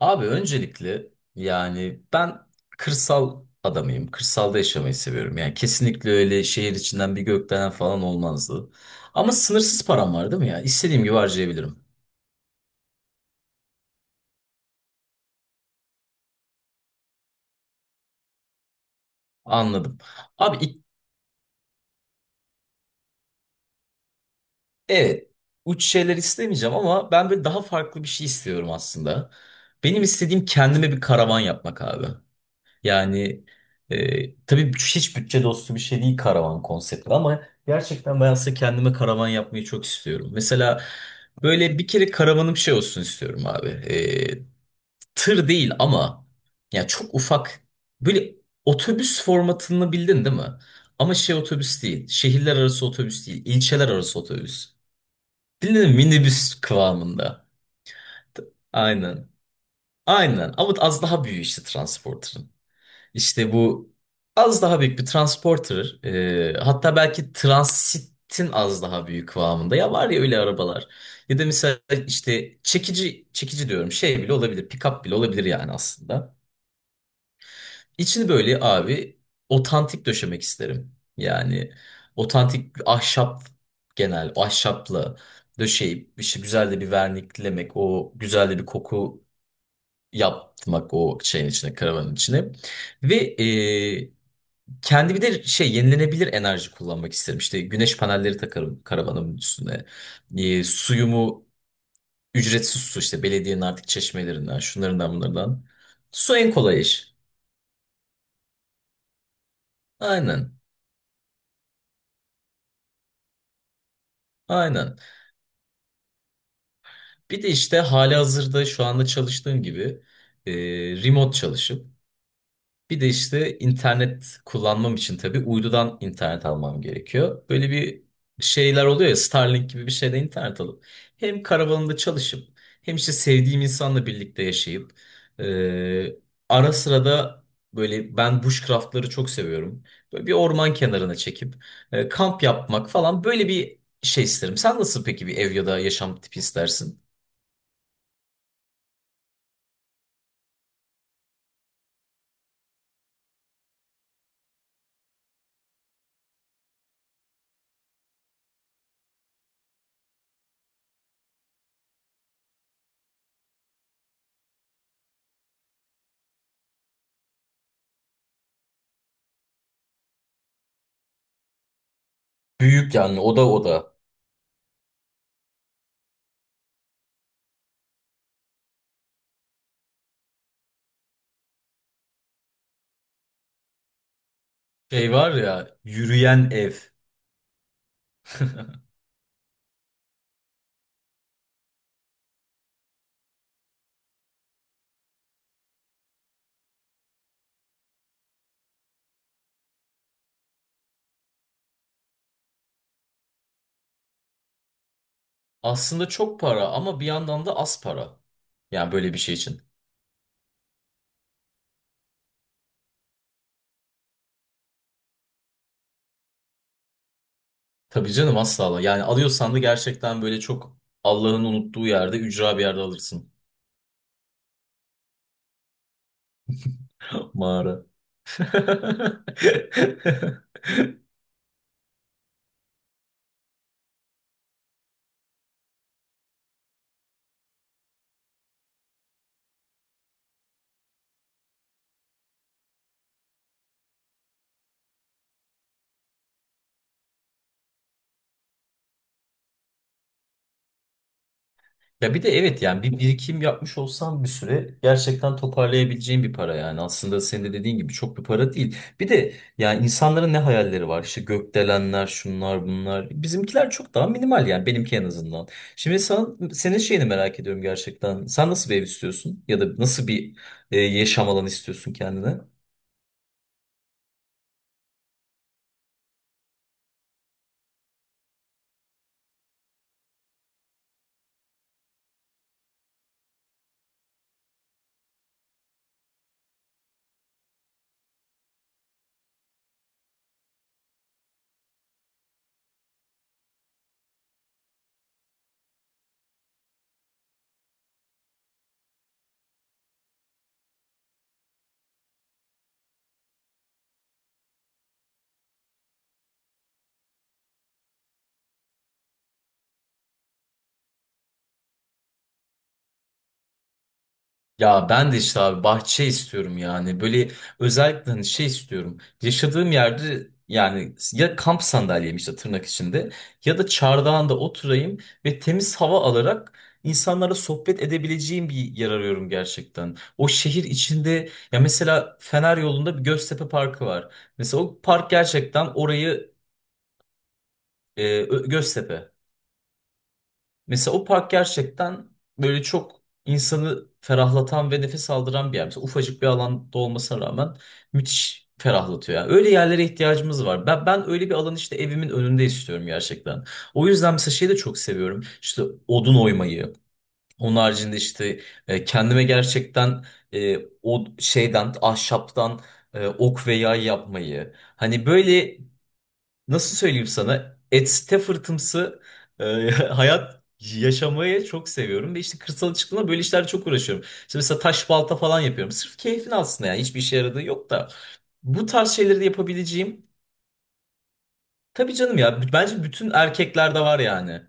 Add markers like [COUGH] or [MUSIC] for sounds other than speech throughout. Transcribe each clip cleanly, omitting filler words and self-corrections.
Abi öncelikle ben kırsal adamıyım. Kırsalda yaşamayı seviyorum. Yani kesinlikle öyle şehir içinden bir gökdelen falan olmazdı. Ama sınırsız param var değil mi ya? İstediğim gibi harcayabilirim. Anladım. Abi ilk- evet, uç şeyler istemeyeceğim ama ben böyle daha farklı bir şey istiyorum aslında. Benim istediğim kendime bir karavan yapmak abi. Yani tabii hiç bütçe dostu bir şey değil karavan konsepti ama gerçekten ben aslında kendime karavan yapmayı çok istiyorum. Mesela böyle bir kere karavanım şey olsun istiyorum abi. Tır değil ama ya çok ufak böyle otobüs formatını bildin değil mi? Ama şey otobüs değil. Şehirler arası otobüs değil. İlçeler arası otobüs. Bildin mi? Minibüs kıvamında. Aynen. Aynen. Ama az daha büyük işte transporterın. İşte bu az daha büyük bir transporter. Hatta belki transitin az daha büyük kıvamında. Ya var ya öyle arabalar. Ya da mesela işte çekici, çekici diyorum şey bile olabilir. Pick-up bile olabilir yani aslında. İçini böyle abi otantik döşemek isterim. Yani otantik ahşap, genel ahşapla döşeyip işte güzel de bir verniklemek. O güzel de bir koku yapmak o şeyin içine, karavanın içine. Ve e, kendi bir de şey, yenilenebilir enerji kullanmak isterim. İşte güneş panelleri takarım karavanımın üstüne. Suyumu, ücretsiz su işte belediyenin artık çeşmelerinden, şunlarından bunlardan. Su en kolay iş. Aynen. Aynen. Bir de işte halihazırda şu anda çalıştığım gibi e, remote çalışıp. Bir de işte internet kullanmam için tabii uydudan internet almam gerekiyor. Böyle bir şeyler oluyor ya, Starlink gibi bir şeyde internet alıp hem karavanımda çalışıp hem işte sevdiğim insanla birlikte yaşayıp e, ara sıra da böyle, ben bushcraftları çok seviyorum. Böyle bir orman kenarına çekip kamp yapmak falan, böyle bir şey isterim. Sen nasıl peki bir ev ya da yaşam tipi istersin? Büyük yani, oda oda. Şey var ya, yürüyen ev. [LAUGHS] Aslında çok para ama bir yandan da az para. Yani böyle bir şey için. Tabii canım, asla. Yani alıyorsan da gerçekten böyle çok Allah'ın unuttuğu yerde, ücra bir yerde alırsın. [LAUGHS] Mağara. [LAUGHS] Ya bir de evet, yani bir birikim yapmış olsan bir süre gerçekten toparlayabileceğin bir para, yani aslında senin de dediğin gibi çok bir para değil. Bir de yani insanların ne hayalleri var işte, gökdelenler şunlar bunlar, bizimkiler çok daha minimal yani, benimki en azından. Şimdi sen, senin şeyini merak ediyorum gerçekten, sen nasıl bir ev istiyorsun ya da nasıl bir yaşam alanı istiyorsun kendine? Ya ben de işte abi bahçe istiyorum yani. Böyle özellikle hani şey istiyorum. Yaşadığım yerde yani, ya kamp sandalyem işte tırnak içinde ya da çardağında oturayım ve temiz hava alarak insanlara sohbet edebileceğim bir yer arıyorum gerçekten. O şehir içinde ya, mesela Fener yolunda bir Göztepe Parkı var. Mesela o park gerçekten orayı Göztepe. Mesela o park gerçekten böyle çok insanı ferahlatan ve nefes aldıran bir yer. Mesela ufacık bir alanda olmasına rağmen müthiş ferahlatıyor. Yani öyle yerlere ihtiyacımız var. Ben öyle bir alan işte evimin önünde istiyorum gerçekten. O yüzden mesela şeyi de çok seviyorum. İşte odun oymayı. Onun haricinde işte kendime gerçekten o şeyden, ahşaptan ok ve yay yapmayı. Hani böyle, nasıl söyleyeyim sana? Etste fırtımsı [LAUGHS] hayat yaşamayı çok seviyorum. Ve işte kırsala çıktığımda böyle işlerle çok uğraşıyorum. İşte mesela taş balta falan yapıyorum. Sırf keyfin aslında yani. Hiçbir işe yaradığı yok da. Bu tarz şeyleri de yapabileceğim. Tabii canım ya. Bence bütün erkeklerde var yani.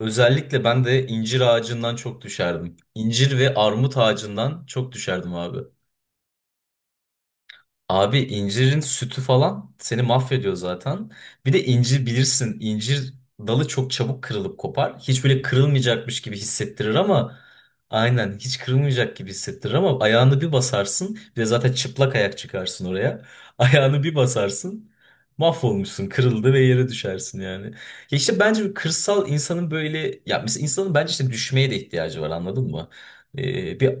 Özellikle ben de incir ağacından çok düşerdim. İncir ve armut ağacından çok düşerdim abi. Abi incirin sütü falan seni mahvediyor zaten. Bir de incir bilirsin, incir dalı çok çabuk kırılıp kopar. Hiç böyle kırılmayacakmış gibi hissettirir ama aynen, hiç kırılmayacak gibi hissettirir ama ayağını bir basarsın, bir de zaten çıplak ayak çıkarsın oraya. [LAUGHS] Ayağını bir basarsın, mahvolmuşsun, kırıldı ve yere düşersin yani. Ya işte bence bir kırsal insanın böyle, ya mesela insanın bence işte düşmeye de ihtiyacı var, anladın mı? Bir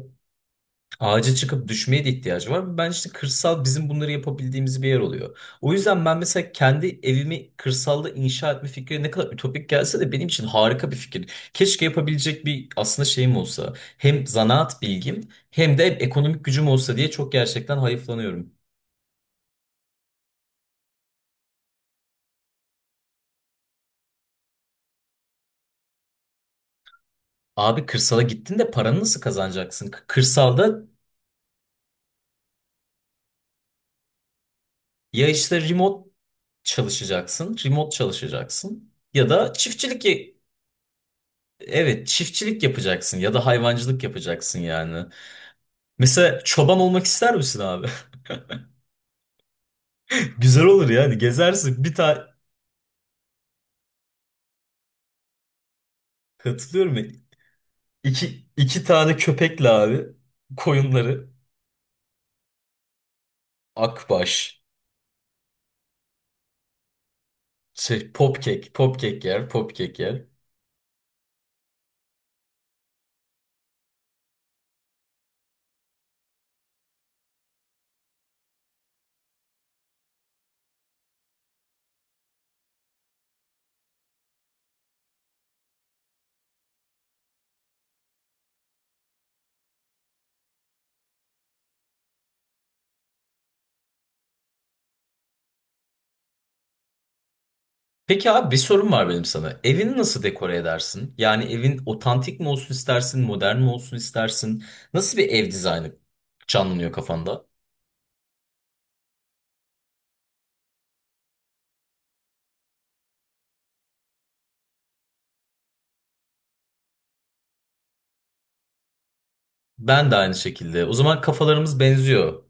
Ağaca çıkıp düşmeye de ihtiyacı var. Ben işte kırsal, bizim bunları yapabildiğimiz bir yer oluyor. O yüzden ben mesela kendi evimi kırsalda inşa etme fikri ne kadar ütopik gelse de benim için harika bir fikir. Keşke yapabilecek bir aslında şeyim olsa. Hem zanaat bilgim hem de ekonomik gücüm olsa diye çok gerçekten hayıflanıyorum. Abi kırsala gittin de paranı nasıl kazanacaksın? Kırsalda ya işte remote çalışacaksın, remote çalışacaksın ya da çiftçilik. Evet, çiftçilik yapacaksın ya da hayvancılık yapacaksın yani. Mesela çoban olmak ister misin abi? [LAUGHS] Güzel olur yani, gezersin. Bir tane hatırlıyorum ya. İki tane köpekle abi koyunları, akbaş şey popkek, popkek yer, popkek yer. Peki abi, bir sorum var benim sana. Evini nasıl dekore edersin? Yani evin otantik mi olsun istersin, modern mi olsun istersin? Nasıl bir ev dizaynı canlanıyor kafanda? Ben de aynı şekilde. O zaman kafalarımız benziyor.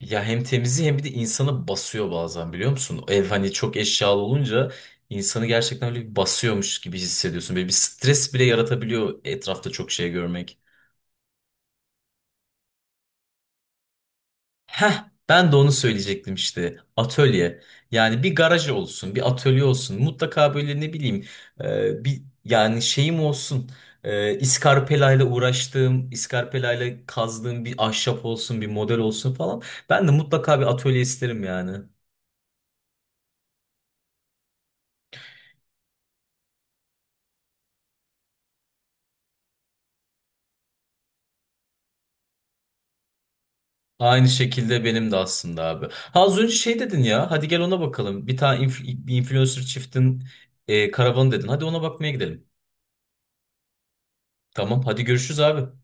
Ya hem temizliği hem bir de insanı basıyor bazen, biliyor musun? Ev hani çok eşyalı olunca insanı gerçekten öyle bir basıyormuş gibi hissediyorsun. Böyle bir stres bile yaratabiliyor etrafta çok şey görmek. Heh, ben de onu söyleyecektim işte. Atölye. Yani bir garaj olsun, bir atölye olsun. Mutlaka böyle ne bileyim bir yani şeyim olsun. İskarpelayla uğraştığım, iskarpelayla kazdığım bir ahşap olsun, bir model olsun falan. Ben de mutlaka bir atölye isterim yani. Aynı şekilde benim de aslında abi. Ha az önce şey dedin ya. Hadi gel ona bakalım. Bir influencer çiftin karavanı dedin. Hadi ona bakmaya gidelim. Tamam, hadi görüşürüz abi.